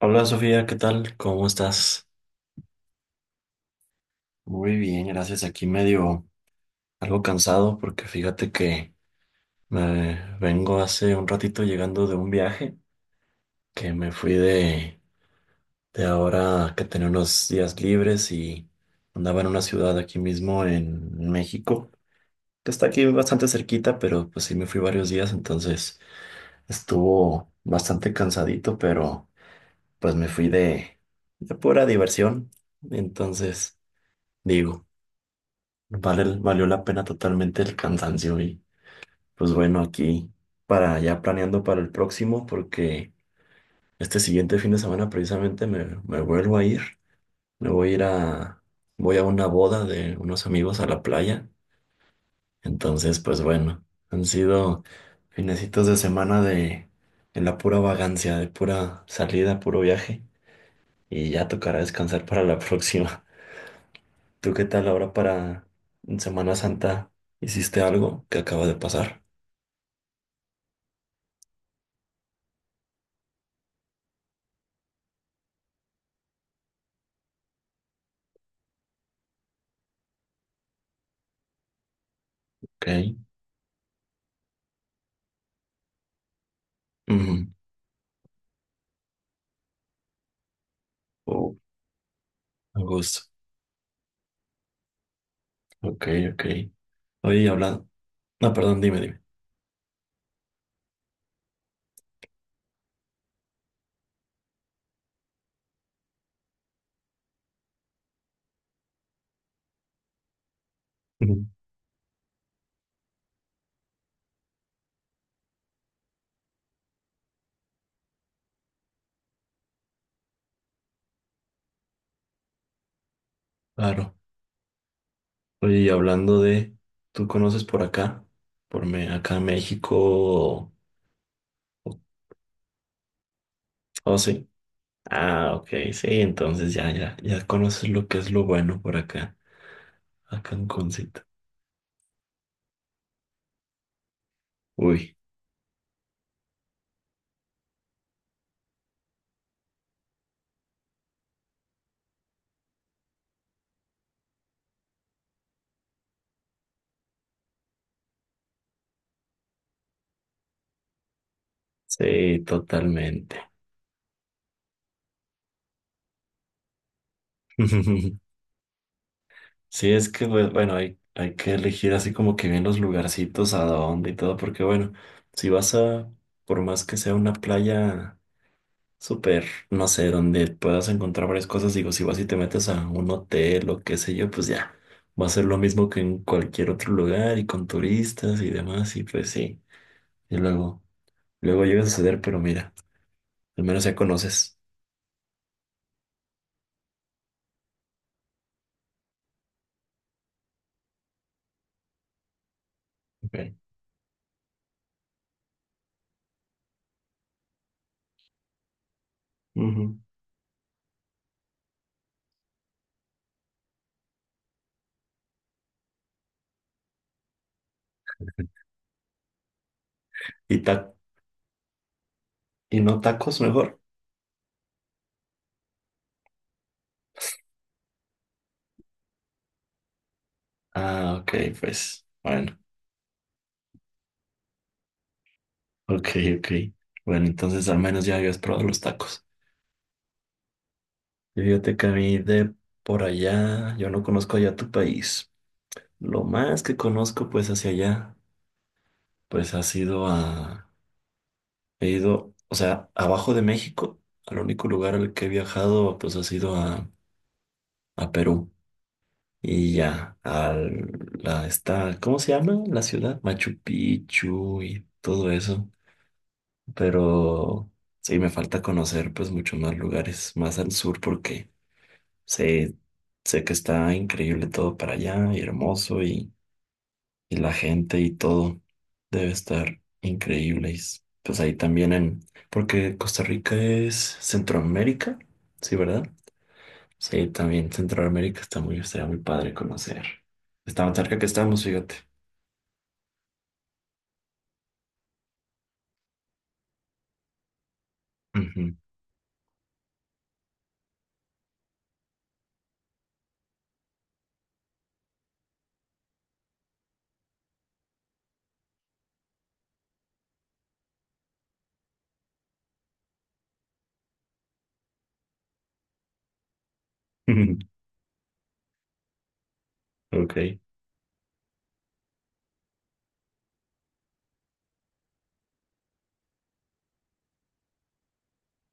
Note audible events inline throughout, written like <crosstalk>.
Hola Sofía, ¿qué tal? ¿Cómo estás? Muy bien, gracias. Aquí medio algo cansado porque fíjate que me vengo hace un ratito llegando de un viaje que me fui de ahora que tenía unos días libres y andaba en una ciudad aquí mismo en México, que está aquí bastante cerquita, pero pues sí me fui varios días, entonces estuvo bastante cansadito, pero pues me fui de pura diversión, entonces digo. Vale, valió la pena totalmente el cansancio y pues bueno, aquí para ya planeando para el próximo porque este siguiente fin de semana precisamente me vuelvo a ir, me voy a ir voy a una boda de unos amigos a la playa, entonces pues bueno, han sido finecitos de semana de la pura vagancia, de pura salida, puro viaje y ya tocará descansar para la próxima. <laughs> ¿Tú qué tal ahora para Semana Santa? ¿Hiciste algo que acaba de pasar? Ok. Ujú. Oh, a gusto. Ok, ok. Oye, hablando. No, perdón, dime, dime. Ujú. Claro. Oye, y hablando de. ¿Tú conoces por acá? Por acá en México. o- Oh, sí. Ah, ok, sí. Entonces ya, ya, ya conoces lo que es lo bueno por acá. Acá en Concita. Uy, sí, totalmente. <laughs> Sí, es que, pues, bueno, hay que elegir así como que bien los lugarcitos, a dónde y todo, porque, bueno, si vas a, por más que sea una playa súper, no sé, donde puedas encontrar varias cosas, digo, si vas y te metes a un hotel o qué sé yo, pues ya, va a ser lo mismo que en cualquier otro lugar y con turistas y demás, y pues sí, y luego, luego llega a suceder, pero mira, al menos ya conoces. Ok. Ujú. Y, ta- y no tacos mejor. Ah, ok, pues, bueno. Ok, ok. Bueno, entonces al menos ya habías probado los tacos. Y fíjate que a mí de por allá, yo no conozco allá tu país. Lo más que conozco pues hacia allá, pues ha sido a... He ido, o sea, abajo de México, al único lugar al que he viajado pues ha sido a Perú. Y ya, está, ¿cómo se llama la ciudad? Machu Picchu y todo eso. Pero sí, me falta conocer pues muchos más lugares, más al sur porque... Sé, sé que está increíble todo para allá y hermoso y la gente y todo debe estar increíble. Pues ahí también en, porque Costa Rica es Centroamérica, sí, ¿verdad? Sí, también Centroamérica está muy, estaría muy padre conocer. Está tan cerca que estamos, fíjate. Ujú. <laughs> Ok,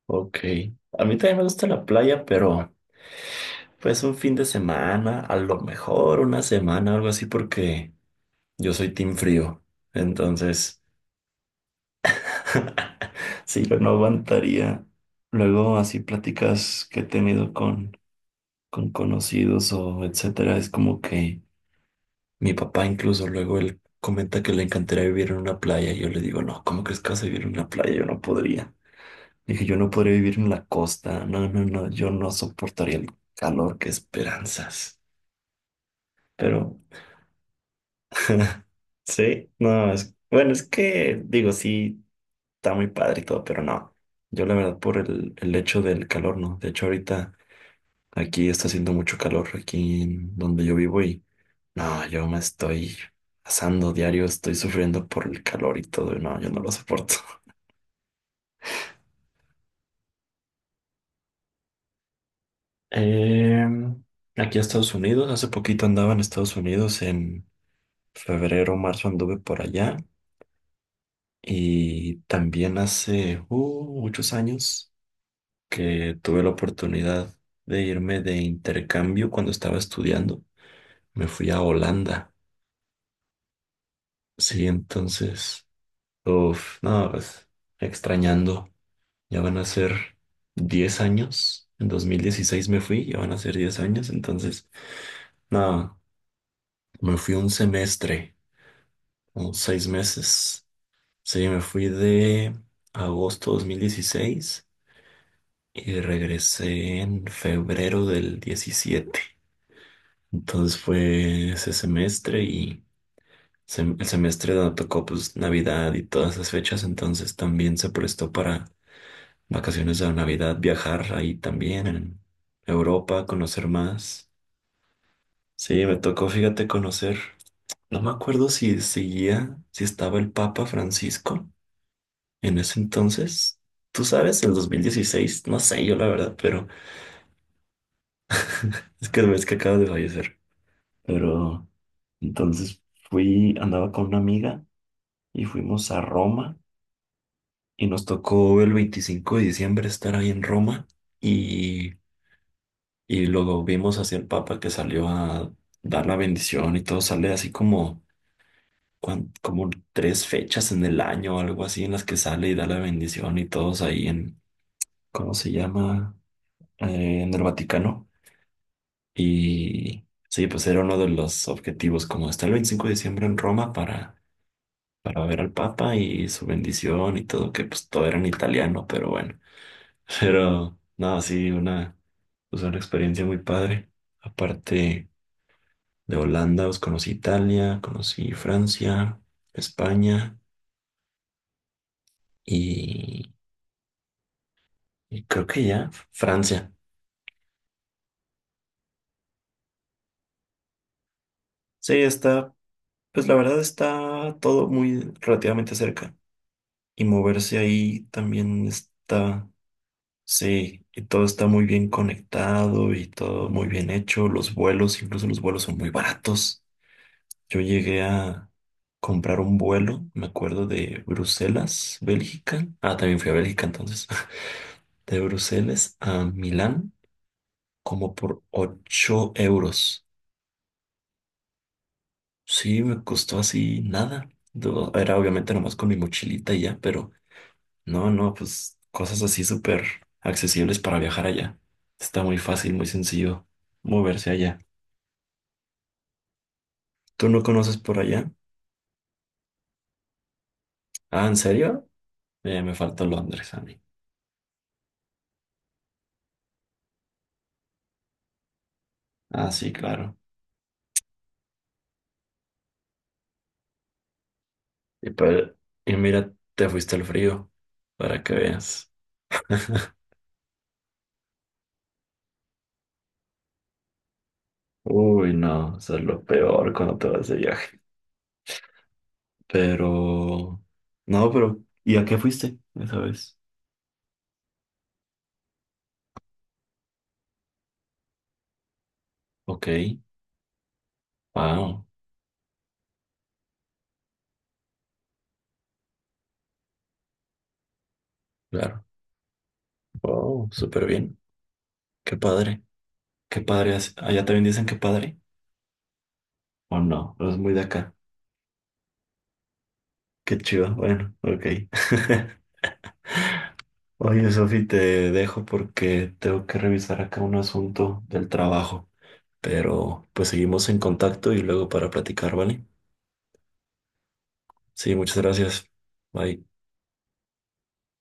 ok. A mí también me gusta la playa, pero pues un fin de semana, a lo mejor una semana, algo así, porque yo soy team frío, entonces <laughs> sí, yo no aguantaría. Luego así pláticas que he tenido con conocidos o etcétera, es como que mi papá incluso luego él comenta que le encantaría vivir en una playa y yo le digo, no, ¿cómo crees que vas a vivir en una playa? Yo no podría. Dije, yo no podría vivir en la costa, no, no, no, yo no soportaría el calor, qué esperanzas. Pero <laughs> sí, no, es, bueno, es que digo, sí. Está muy padre y todo, pero no. Yo la verdad por el hecho del calor, ¿no? De hecho ahorita aquí está haciendo mucho calor, aquí en donde yo vivo y no, yo me estoy asando diario, estoy sufriendo por el calor y todo, y no, yo no lo soporto. <laughs> Em, Aquí a Estados Unidos, hace poquito andaba en Estados Unidos, en febrero, marzo anduve por allá y también hace muchos años que tuve la oportunidad de irme de intercambio cuando estaba estudiando. Me fui a Holanda. Sí, entonces, uff, no, pues extrañando. Ya van a ser 10 años. En 2016 me fui, ya van a ser 10 años. Entonces, no, me fui un semestre, o 6 meses. Sí, me fui de agosto 2016 y regresé en febrero del diecisiete. Entonces fue ese semestre y el semestre donde tocó pues Navidad y todas esas fechas, entonces también se prestó para vacaciones de Navidad, viajar ahí también en Europa, conocer más. Sí, me tocó, fíjate, conocer. No me acuerdo si seguía, si estaba el Papa Francisco en ese entonces. Tú sabes, el 2016, no sé yo la verdad, pero es que ves que acaba de fallecer. Pero entonces fui, andaba con una amiga y fuimos a Roma y nos tocó el 25 de diciembre estar ahí en Roma y, y luego vimos hacia el Papa que salió a dar la bendición y todo sale así como, como tres fechas en el año o algo así en las que sale y da la bendición y todos ahí en, ¿cómo se llama? En el Vaticano. Y sí, pues era uno de los objetivos, como estar el 25 de diciembre en Roma para ver al Papa y su bendición y todo, que pues todo era en italiano, pero bueno. Pero, no, sí, una, pues, una experiencia muy padre. Aparte de Holanda, pues conocí Italia, conocí Francia, España y, y creo que ya Francia. Sí, está, pues la verdad está todo muy relativamente cerca y moverse ahí también está, sí, y todo está muy bien conectado y todo muy bien hecho. Los vuelos, incluso los vuelos son muy baratos. Yo llegué a comprar un vuelo, me acuerdo de Bruselas, Bélgica. Ah, también fui a Bélgica entonces. <laughs> De Bruselas a Milán, como por 8 euros. Sí, me costó así nada. Era obviamente nomás con mi mochilita y ya, pero no, no, pues cosas así súper accesibles para viajar allá. Está muy fácil, muy sencillo moverse allá. ¿Tú no conoces por allá? Ah, ¿en serio? Me falta Londres a mí. Ah, sí, claro. Y, pa- y mira, te fuiste al frío para que veas. Uy, no, eso es lo peor cuando te vas de viaje. Pero, no, pero, ¿y a qué fuiste esa vez? Ok, wow, claro, wow, súper bien. Qué padre, qué padre. Allá también dicen que padre, o no, no es muy de acá. Qué chido, bueno, ok. <laughs> Oye, Sofi, te dejo porque tengo que revisar acá un asunto del trabajo. Pero pues seguimos en contacto y luego para platicar, ¿vale? Sí, muchas gracias. Bye.